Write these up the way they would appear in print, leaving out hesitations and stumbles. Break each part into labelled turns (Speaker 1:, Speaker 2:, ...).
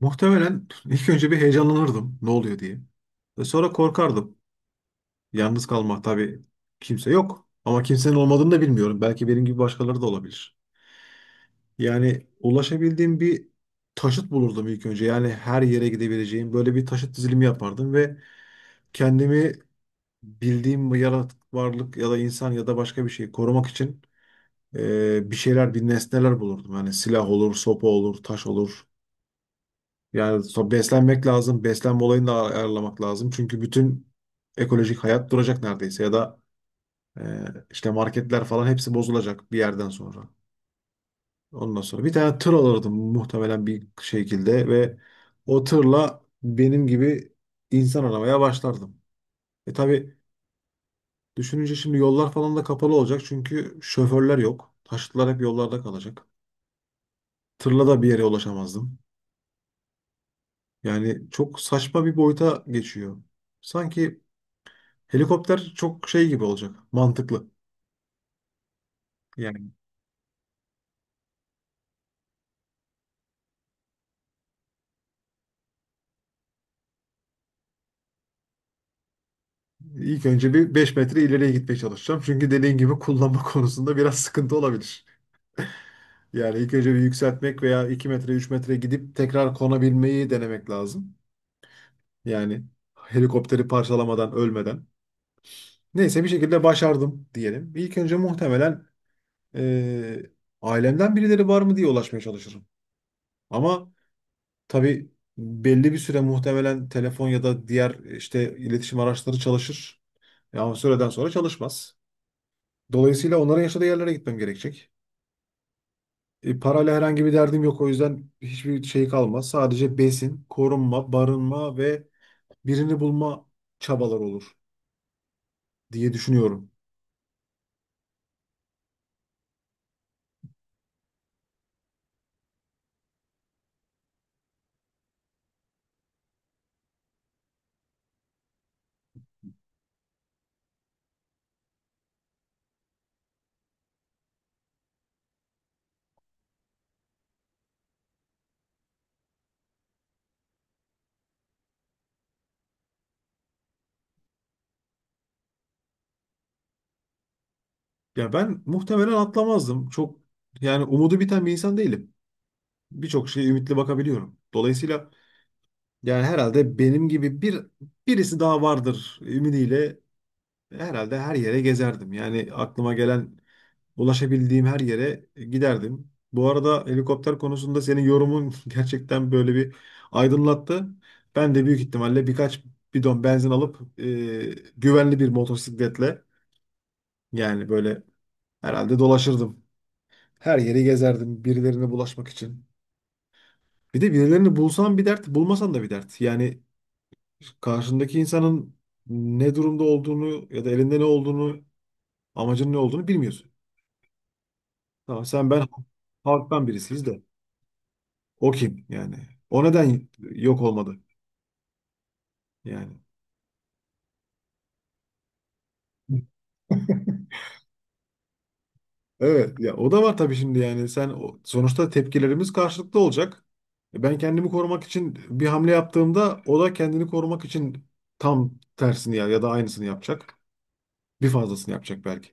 Speaker 1: Muhtemelen ilk önce bir heyecanlanırdım ne oluyor diye. Ve sonra korkardım. Yalnız kalmak tabii kimse yok. Ama kimsenin olmadığını da bilmiyorum. Belki benim gibi başkaları da olabilir. Yani ulaşabildiğim bir taşıt bulurdum ilk önce. Yani her yere gidebileceğim böyle bir taşıt dizilimi yapardım ve kendimi bildiğim bu yaratık varlık ya da insan ya da başka bir şeyi korumak için bir şeyler, bir nesneler bulurdum. Yani silah olur, sopa olur, taş olur. Yani beslenmek lazım, beslenme olayını da ayarlamak lazım. Çünkü bütün ekolojik hayat duracak neredeyse ya da e, işte marketler falan hepsi bozulacak bir yerden sonra. Ondan sonra bir tane tır alırdım muhtemelen bir şekilde ve o tırla benim gibi insan aramaya başlardım. E tabii düşününce şimdi yollar falan da kapalı olacak çünkü şoförler yok. Taşıtlar hep yollarda kalacak. Tırla da bir yere ulaşamazdım. Yani çok saçma bir boyuta geçiyor. Sanki helikopter çok şey gibi olacak. Mantıklı. Yani ilk önce bir 5 metre ileriye gitmeye çalışacağım. Çünkü dediğin gibi kullanma konusunda biraz sıkıntı olabilir. Yani ilk önce bir yükseltmek veya 2 metre 3 metre gidip tekrar konabilmeyi denemek lazım. Yani helikopteri parçalamadan ölmeden. Neyse bir şekilde başardım diyelim. İlk önce muhtemelen eee, ailemden birileri var mı diye ulaşmaya çalışırım. Ama tabii belli bir süre muhtemelen telefon ya da diğer işte iletişim araçları çalışır. Ya o süreden sonra çalışmaz. Dolayısıyla onların yaşadığı yerlere gitmem gerekecek. E, parayla herhangi bir derdim yok. O yüzden hiçbir şey kalmaz. Sadece besin, korunma, barınma ve birini bulma çabalar olur diye düşünüyorum. Ya ben muhtemelen atlamazdım. Çok yani umudu biten bir insan değilim. Birçok şeye ümitli bakabiliyorum. Dolayısıyla yani herhalde benim gibi bir birisi daha vardır ümidiyle herhalde her yere gezerdim. Yani aklıma gelen ulaşabildiğim her yere giderdim. Bu arada helikopter konusunda senin yorumun gerçekten böyle bir aydınlattı. Ben de büyük ihtimalle birkaç bidon benzin alıp güvenli bir motosikletle yani böyle herhalde dolaşırdım. Her yeri gezerdim birilerine bulaşmak için. Bir de birilerini bulsan bir dert, bulmasan da bir dert. Yani karşındaki insanın ne durumda olduğunu ya da elinde ne olduğunu, amacının ne olduğunu bilmiyorsun. Tamam sen ben halktan birisiyiz de. O kim yani? O neden yok olmadı yani? Evet ya o da var tabii şimdi yani sonuçta tepkilerimiz karşılıklı olacak. E, ben kendimi korumak için bir hamle yaptığımda o da kendini korumak için tam tersini ya da aynısını yapacak. Bir fazlasını yapacak belki.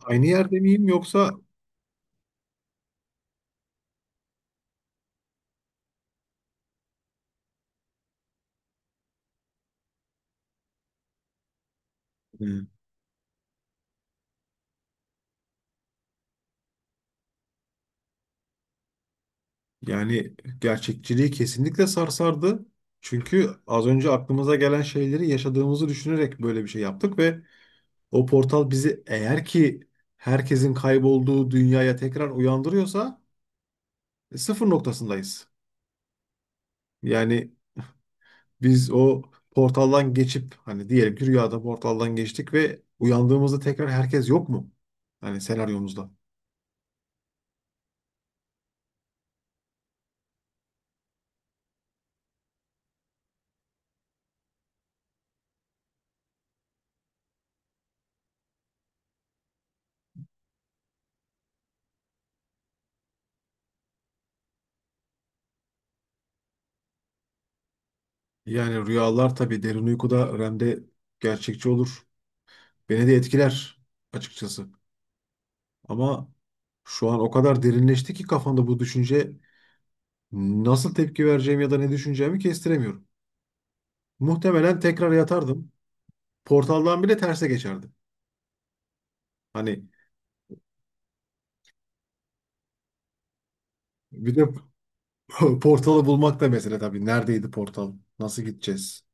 Speaker 1: Aynı yerde miyim yoksa? Hı. Yani gerçekçiliği kesinlikle sarsardı. Çünkü az önce aklımıza gelen şeyleri yaşadığımızı düşünerek böyle bir şey yaptık ve o portal bizi eğer ki herkesin kaybolduğu dünyaya tekrar uyandırıyorsa sıfır noktasındayız. Yani biz o portaldan geçip hani diyelim ki rüyada portaldan geçtik ve uyandığımızda tekrar herkes yok mu? Hani senaryomuzda. Yani rüyalar tabii derin uykuda REM'de gerçekçi olur. Beni de etkiler açıkçası. Ama şu an o kadar derinleşti ki kafamda bu düşünce nasıl tepki vereceğim ya da ne düşüneceğimi kestiremiyorum. Muhtemelen tekrar yatardım. Portaldan bile terse geçerdim. Hani bir de portalı bulmak da mesele tabii. Neredeydi portal? Nasıl gideceğiz?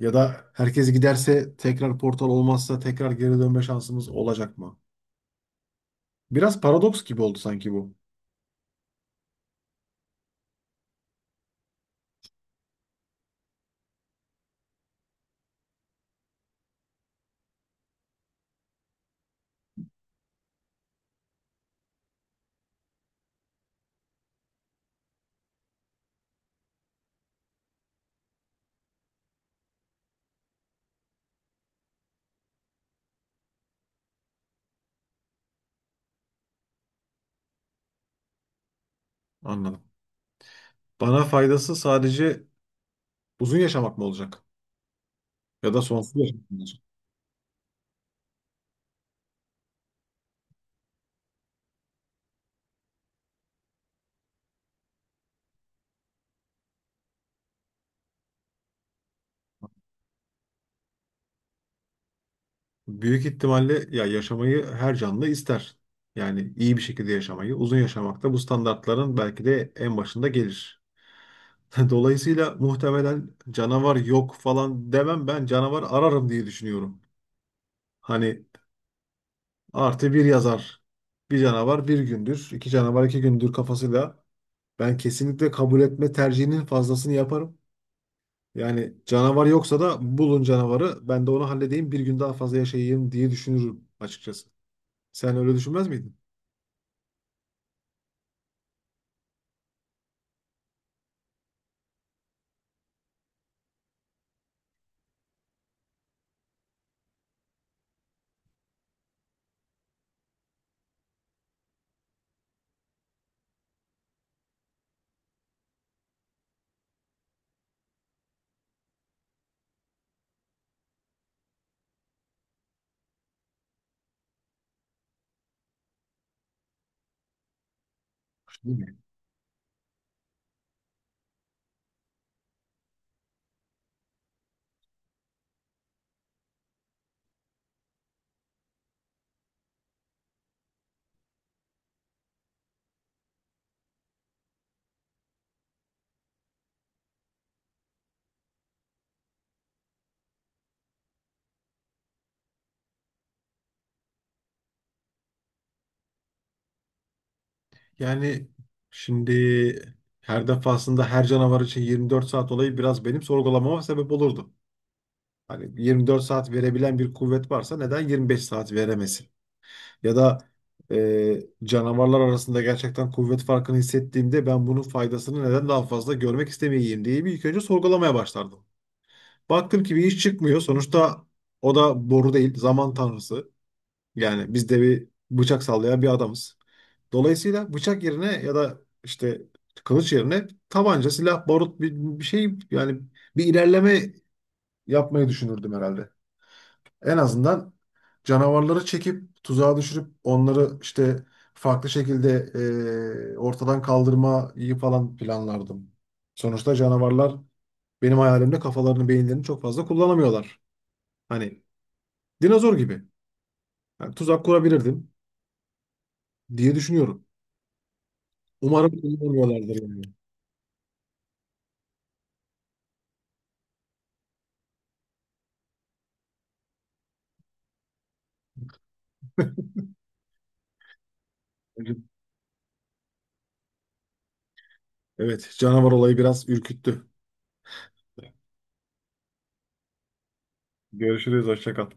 Speaker 1: Ya da herkes giderse tekrar portal olmazsa tekrar geri dönme şansımız olacak mı? Biraz paradoks gibi oldu sanki bu. Anladım. Bana faydası sadece uzun yaşamak mı olacak? Ya da sonsuz yaşamak mı olacak? Büyük ihtimalle ya yaşamayı her canlı ister. Yani iyi bir şekilde yaşamayı, uzun yaşamak da bu standartların belki de en başında gelir. Dolayısıyla muhtemelen canavar yok falan demem ben canavar ararım diye düşünüyorum. Hani artı bir yazar. Bir canavar bir gündür, iki canavar iki gündür kafasıyla ben kesinlikle kabul etme tercihinin fazlasını yaparım. Yani canavar yoksa da bulun canavarı ben de onu halledeyim bir gün daha fazla yaşayayım diye düşünürüm açıkçası. Sen öyle düşünmez miydin? Değil mi? Yani şimdi her defasında her canavar için 24 saat olayı biraz benim sorgulamama sebep olurdu. Hani 24 saat verebilen bir kuvvet varsa neden 25 saat veremesin? Ya da canavarlar arasında gerçekten kuvvet farkını hissettiğimde ben bunun faydasını neden daha fazla görmek istemeyeyim diye bir ilk önce sorgulamaya başlardım. Baktım ki bir iş çıkmıyor. Sonuçta o da boru değil, zaman tanrısı. Yani biz de bir bıçak sallayan bir adamız. Dolayısıyla bıçak yerine ya da işte kılıç yerine tabanca, silah, barut bir şey yani bir ilerleme yapmayı düşünürdüm herhalde. En azından canavarları çekip tuzağa düşürüp onları işte farklı şekilde ortadan kaldırmayı falan planlardım. Sonuçta canavarlar benim hayalimde kafalarını, beyinlerini çok fazla kullanamıyorlar. Hani dinozor gibi. Yani tuzak kurabilirdim diye düşünüyorum. Umarım kullanamıyorlardır yani. Evet, canavar olayı biraz ürküttü. Görüşürüz, hoşça kal.